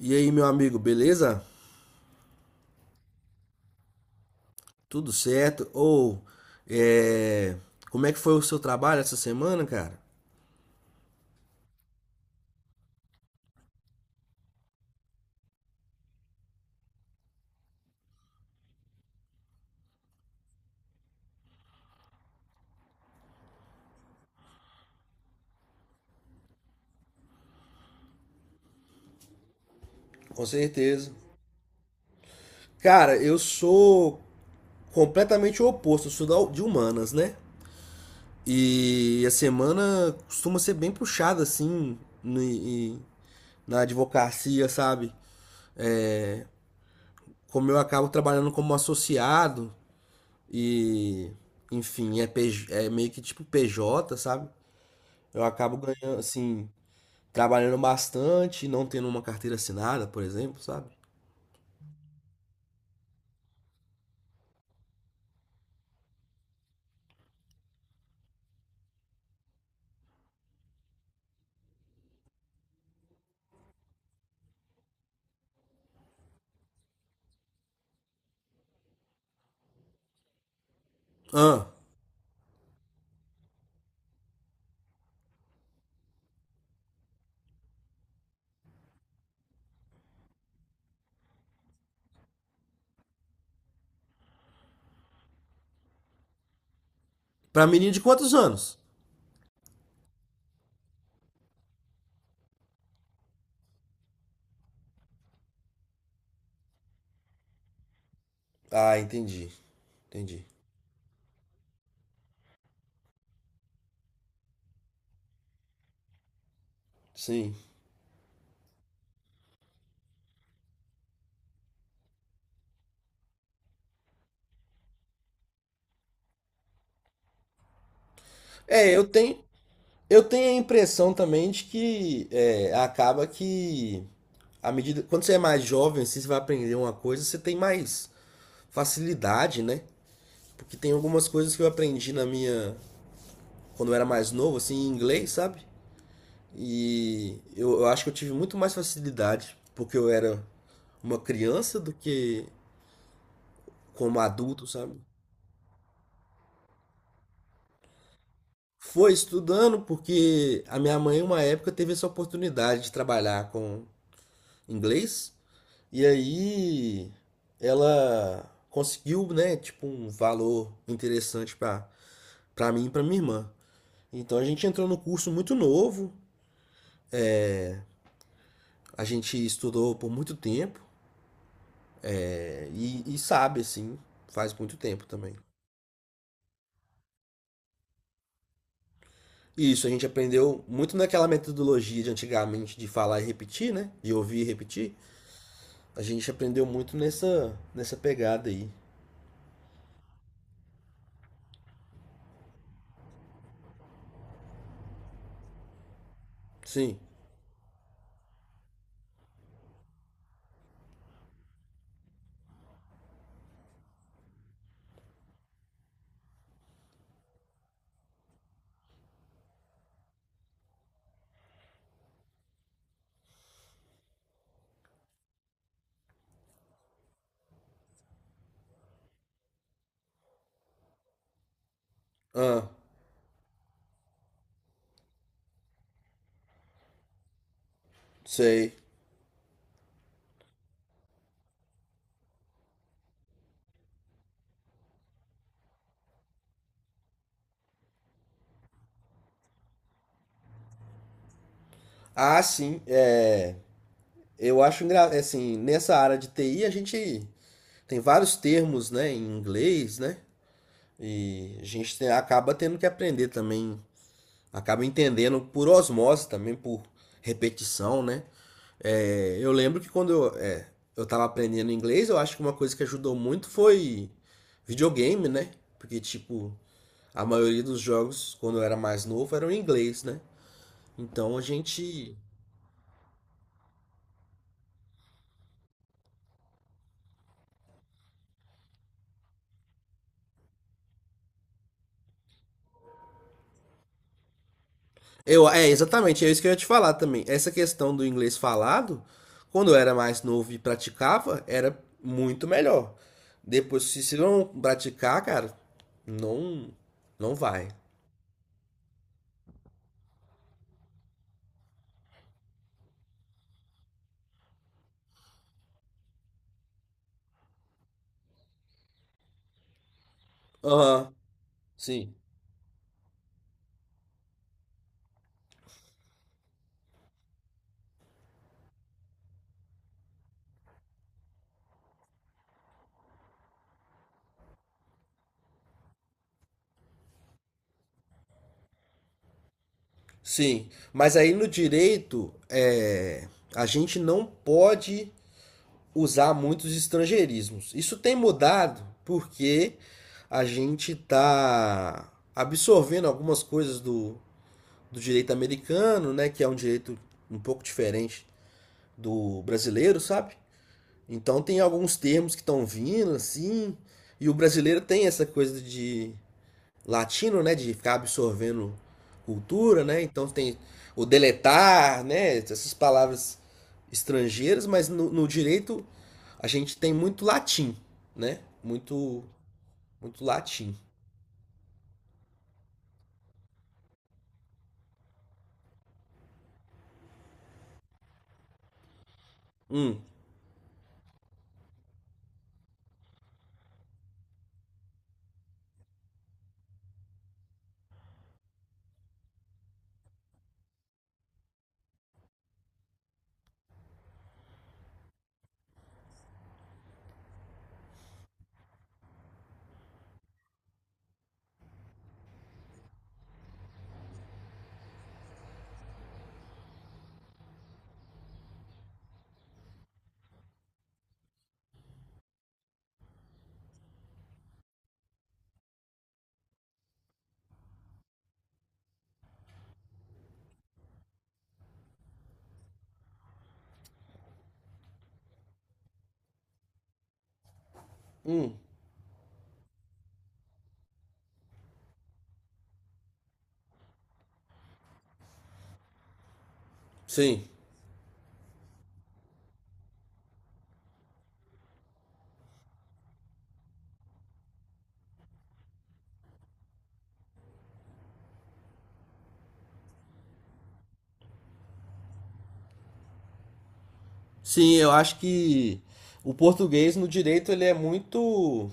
E aí, meu amigo, beleza? Tudo certo? É, como é que foi o seu trabalho essa semana, cara? Com certeza. Cara, eu sou completamente o oposto, eu sou de humanas, né? E a semana costuma ser bem puxada, assim, na advocacia, sabe? É, como eu acabo trabalhando como associado e, enfim, PJ é meio que tipo PJ, sabe? Eu acabo ganhando, assim, trabalhando bastante, não tendo uma carteira assinada, por exemplo, sabe? Ah, pra menino de quantos anos? Ah, entendi, entendi. Sim. É, eu tenho a impressão também de que acaba que à medida, quando você é mais jovem, assim, você vai aprender uma coisa, você tem mais facilidade, né? Porque tem algumas coisas que eu aprendi na minha, quando eu era mais novo, assim, em inglês, sabe? E eu acho que eu tive muito mais facilidade porque eu era uma criança do que como adulto, sabe? Foi estudando porque a minha mãe, uma época, teve essa oportunidade de trabalhar com inglês e aí ela conseguiu, né, tipo, um valor interessante para para mim e para minha irmã. Então a gente entrou no curso muito novo, a gente estudou por muito tempo e sabe, assim, faz muito tempo também. Isso, a gente aprendeu muito naquela metodologia de antigamente de falar e repetir, né? De ouvir e repetir. A gente aprendeu muito nessa pegada aí. Sim. Ah, sei. Ah, sim. É, eu acho assim, nessa área de TI a gente tem vários termos, né, em inglês, né? E a gente acaba tendo que aprender também, acaba entendendo por osmose também, por repetição, né? É, eu lembro que quando eu tava aprendendo inglês, eu acho que uma coisa que ajudou muito foi videogame, né? Porque, tipo, a maioria dos jogos, quando eu era mais novo, eram em inglês, né? Então a gente. Exatamente, é isso que eu ia te falar também. Essa questão do inglês falado, quando eu era mais novo e praticava, era muito melhor. Depois, se você não praticar, cara, não, não vai. Aham, sim, sim. Mas aí no direito, a gente não pode usar muitos estrangeirismos. Isso tem mudado porque a gente está absorvendo algumas coisas do direito americano, né, que é um direito um pouco diferente do brasileiro, sabe? Então tem alguns termos que estão vindo assim, e o brasileiro tem essa coisa de latino, né, de ficar absorvendo cultura, né? Então tem o deletar, né, essas palavras estrangeiras, mas no direito a gente tem muito latim, né? Muito, muito latim. Hum, hum, sim. Sim, eu acho que o português no direito ele é muito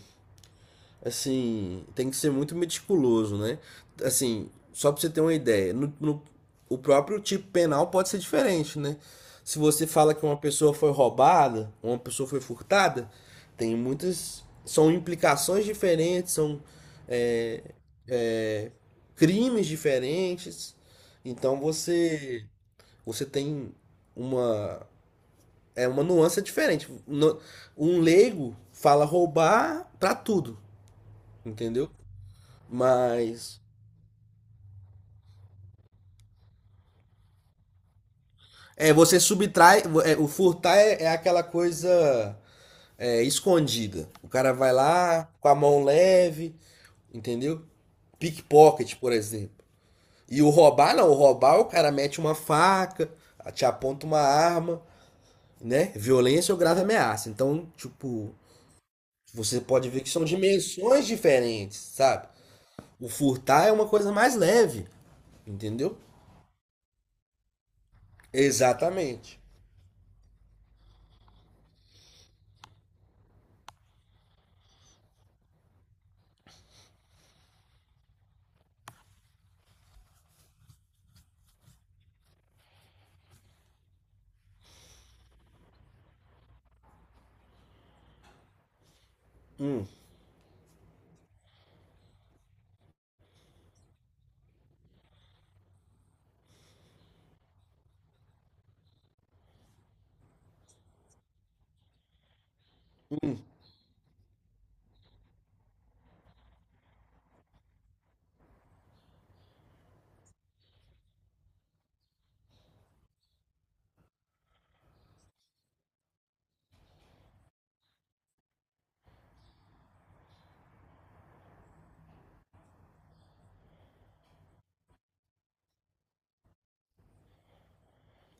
assim, tem que ser muito meticuloso, né? Assim, só pra você ter uma ideia, o próprio tipo penal pode ser diferente, né? Se você fala que uma pessoa foi roubada, uma pessoa foi furtada, tem muitas. São implicações diferentes, são é, é, crimes diferentes. Então você tem uma é uma nuance diferente. No- Um leigo fala roubar pra tudo, entendeu? Mas. É, você subtrai. O furtar é aquela coisa escondida. O cara vai lá com a mão leve, entendeu? Pickpocket, por exemplo. E o roubar, não. O roubar, o cara mete uma faca, te aponta uma arma, né? Violência ou grave ameaça. Então, tipo, você pode ver que são dimensões diferentes, sabe? O furtar é uma coisa mais leve, entendeu? Exatamente.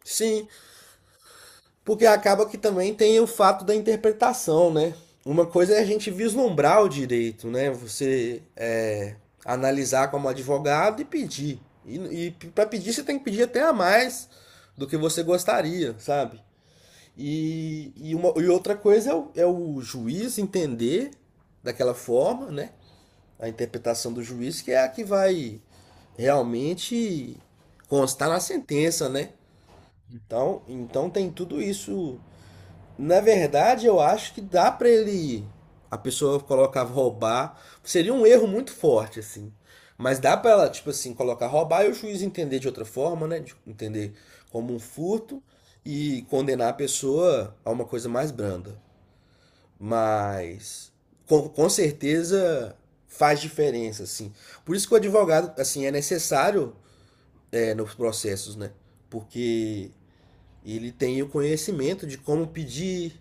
Sim, porque acaba que também tem o fato da interpretação, né? Uma coisa é a gente vislumbrar o direito, né? Você analisar como advogado e pedir. E, e para pedir, você tem que pedir até a mais do que você gostaria, sabe? E outra coisa é é o juiz entender daquela forma, né? A interpretação do juiz, que é a que vai realmente constar na sentença, né? Então, então tem tudo isso na verdade, eu acho que dá pra ele ir. A pessoa colocava roubar. Seria um erro muito forte, assim. Mas dá pra ela, tipo assim, colocar roubar e o juiz entender de outra forma, né? De entender como um furto e condenar a pessoa a uma coisa mais branda. Mas com certeza faz diferença, assim. Por isso que o advogado, assim, é necessário nos processos, né? Porque ele tem o conhecimento de como pedir,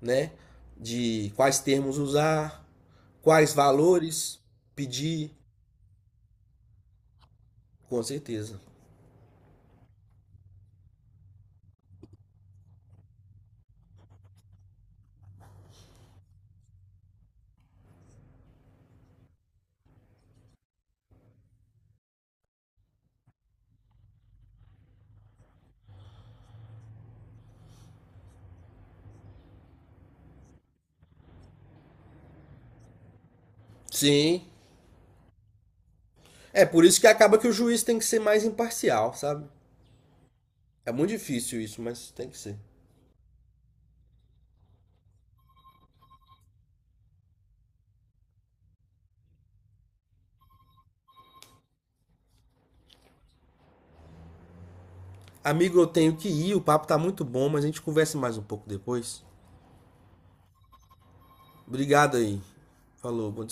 né? De quais termos usar, quais valores pedir, com certeza. Sim. É por isso que acaba que o juiz tem que ser mais imparcial, sabe? É muito difícil isso, mas tem que ser. Amigo, eu tenho que ir, o papo tá muito bom, mas a gente conversa mais um pouco depois. Obrigado aí. Falou, bom descanso.